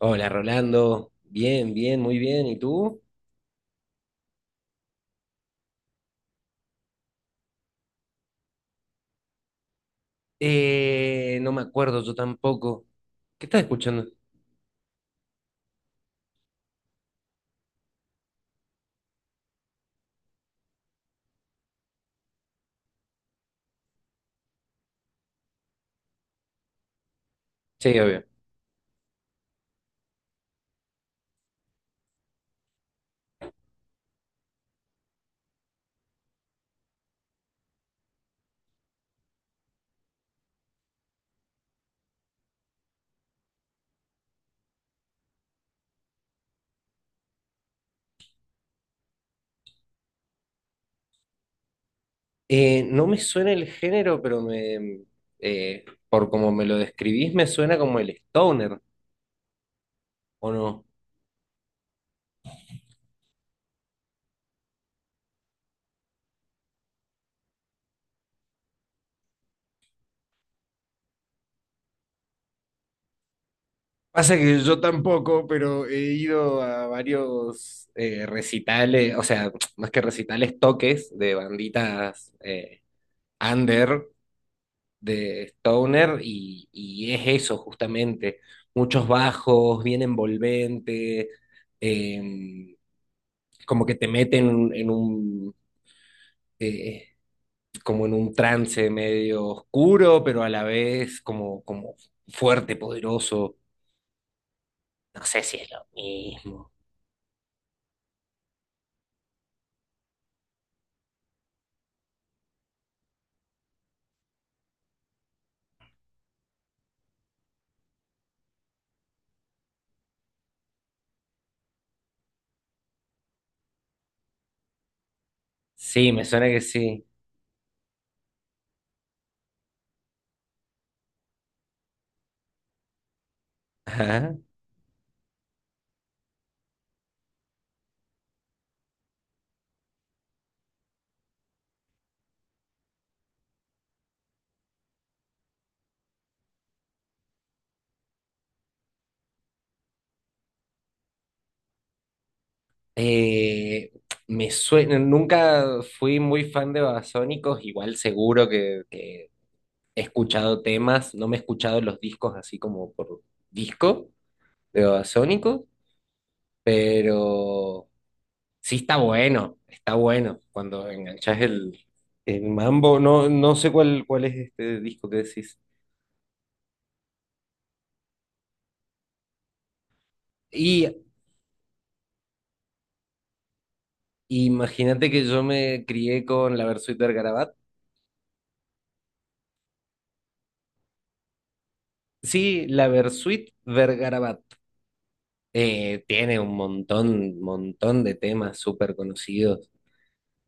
Hola Rolando, bien, bien, muy bien. ¿Y tú? No me acuerdo yo tampoco. ¿Qué estás escuchando? Sí, obvio. No me suena el género, pero por como me lo describís, me suena como el stoner, ¿o no? Pasa que yo tampoco, pero he ido a varios recitales, o sea, más que recitales, toques de banditas under de stoner y es eso justamente, muchos bajos, bien envolvente, eh, como que te meten en eh, como en un trance medio oscuro, pero a la vez como, como fuerte, poderoso. No sé si es lo mismo. Sí, me suena que sí. Ajá. Eh, Me suena, nunca fui muy fan de Babasónicos, igual seguro que he escuchado temas, no me he escuchado los discos así como por disco de Babasónicos, pero sí está bueno cuando enganchas el mambo, no, no sé cuál, cuál es este disco que decís. Y imagínate que yo me crié con la Versuit Vergarabat. Sí, la Versuit Vergarabat tiene un montón, montón de temas súper conocidos.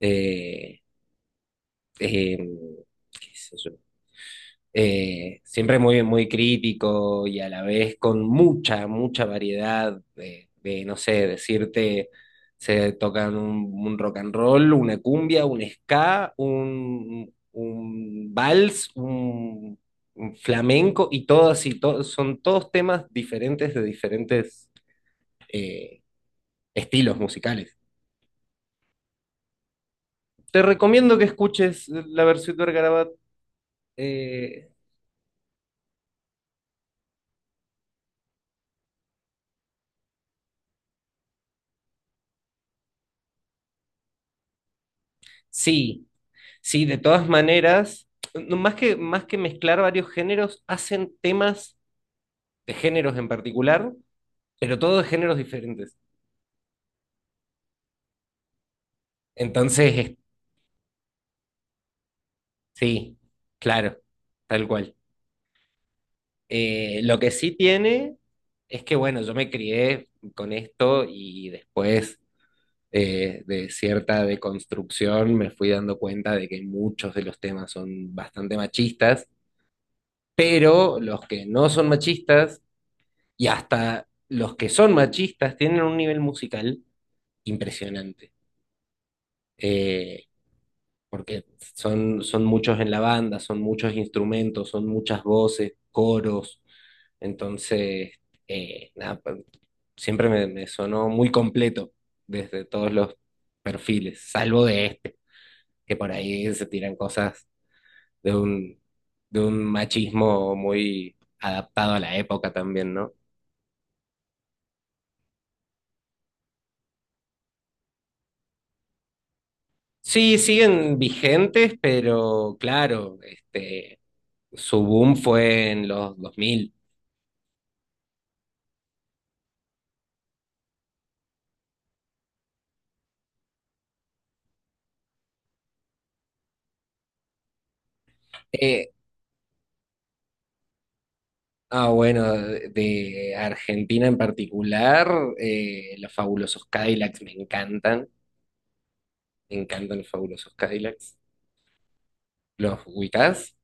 Eh, em, qué sé yo. Siempre muy, muy crítico y a la vez con mucha, mucha variedad de no sé, decirte, se tocan un rock and roll, una cumbia, un ska, un vals, un flamenco y son todos temas diferentes de diferentes eh, estilos musicales. Te recomiendo que escuches la versión de Garabat. eh, sí, Sí, de todas maneras, no, más que mezclar varios géneros, hacen temas de géneros en particular, pero todos de géneros diferentes. Entonces, sí, claro, tal cual. Lo que sí tiene es que, bueno, yo me crié con esto y después de cierta deconstrucción me fui dando cuenta de que muchos de los temas son bastante machistas, pero los que no son machistas. Y hasta los que son machistas tienen un nivel musical impresionante. Eh, Porque son muchos en la banda, son muchos instrumentos, son muchas voces, coros. Entonces, nada, pa- siempre me, me sonó muy completo desde todos los perfiles, salvo de este, que por ahí se tiran cosas de un, de un machismo muy adaptado a la época también, ¿no? Sí, siguen vigentes, pero claro, este, su boom fue en los 2000. Eh, bueno, de Argentina en particular, los fabulosos Cadillacs me encantan los fabulosos Cadillacs. ¿Los ubicás?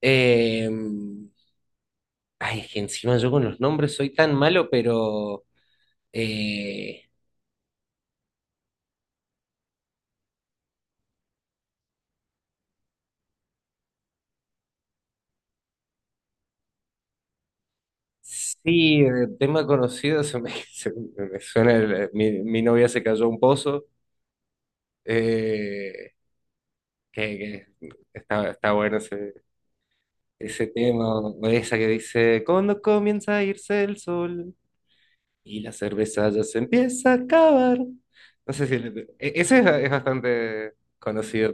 Eh, ay, es que encima yo con los nombres soy tan malo, pero eh, sí, el tema conocido se me, se me suena, mi novia se cayó a un pozo. Eh, que, que está, está bueno ese tema, o esa que dice, cuando comienza a irse el sol y la cerveza ya se empieza a acabar. No sé si... ese es bastante conocido.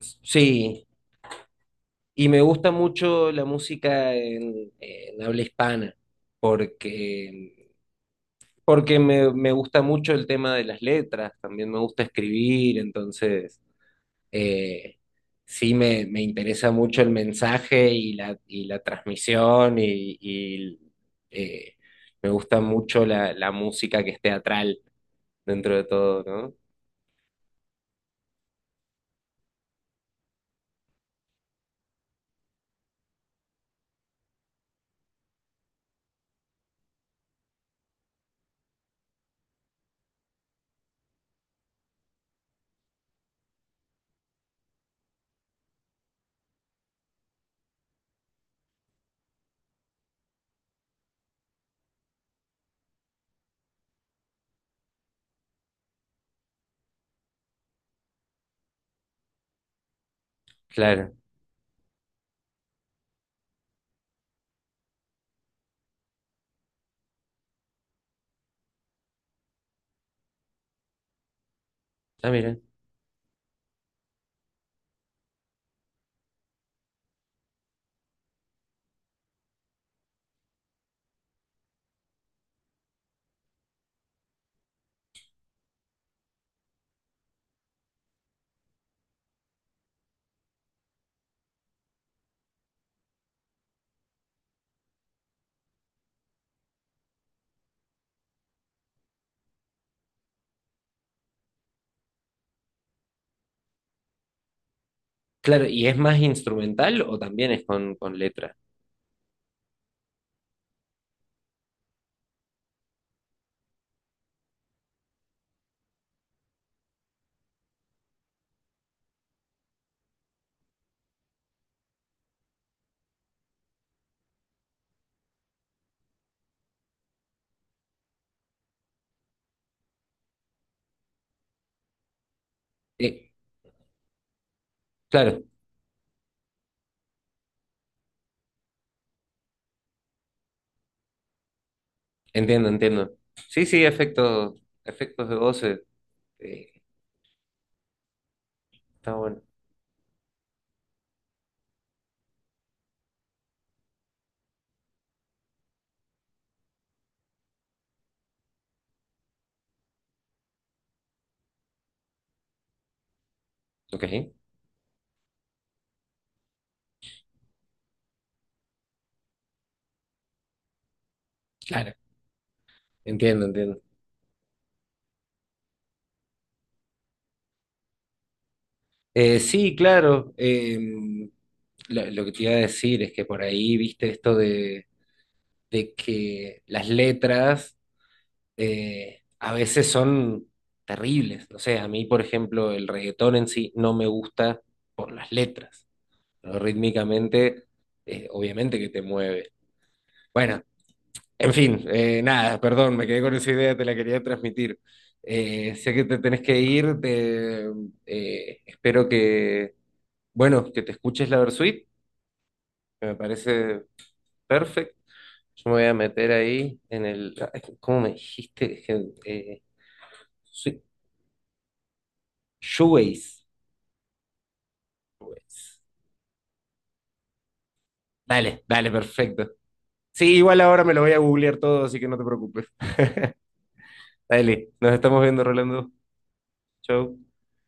Sí, y me gusta mucho la música en habla hispana, porque, porque me gusta mucho el tema de las letras, también me gusta escribir, entonces... eh, sí me interesa mucho el mensaje y y la transmisión y, eh, me gusta mucho la música que es teatral dentro de todo, ¿no? Claro. Ah, mira. Claro, ¿y es más instrumental o también es con letra? Eh, claro, entiendo, entiendo. Sí, sí, efectos, efectos de voces. eh, está bueno. Ok. Claro. Entiendo, entiendo. Sí, claro. Lo que te iba a decir es que por ahí viste esto de que las letras a veces son terribles. No sé, a mí, por ejemplo, el reggaetón en sí no me gusta por las letras. Pero rítmicamente, obviamente que te mueve. Bueno, en fin, nada, perdón, me quedé con esa idea, te la quería transmitir. Sé que te tenés que ir, espero que bueno, que te escuches la Versuit, que me parece perfecto. Yo me voy a meter ahí en el. Ay, ¿cómo me dijiste? Es que, Eh, sui- shoegaze. Shoegaze. Dale, dale, perfecto. Sí, igual ahora me lo voy a googlear todo, así que no te preocupes. Dale, nos estamos viendo, Rolando. Chau.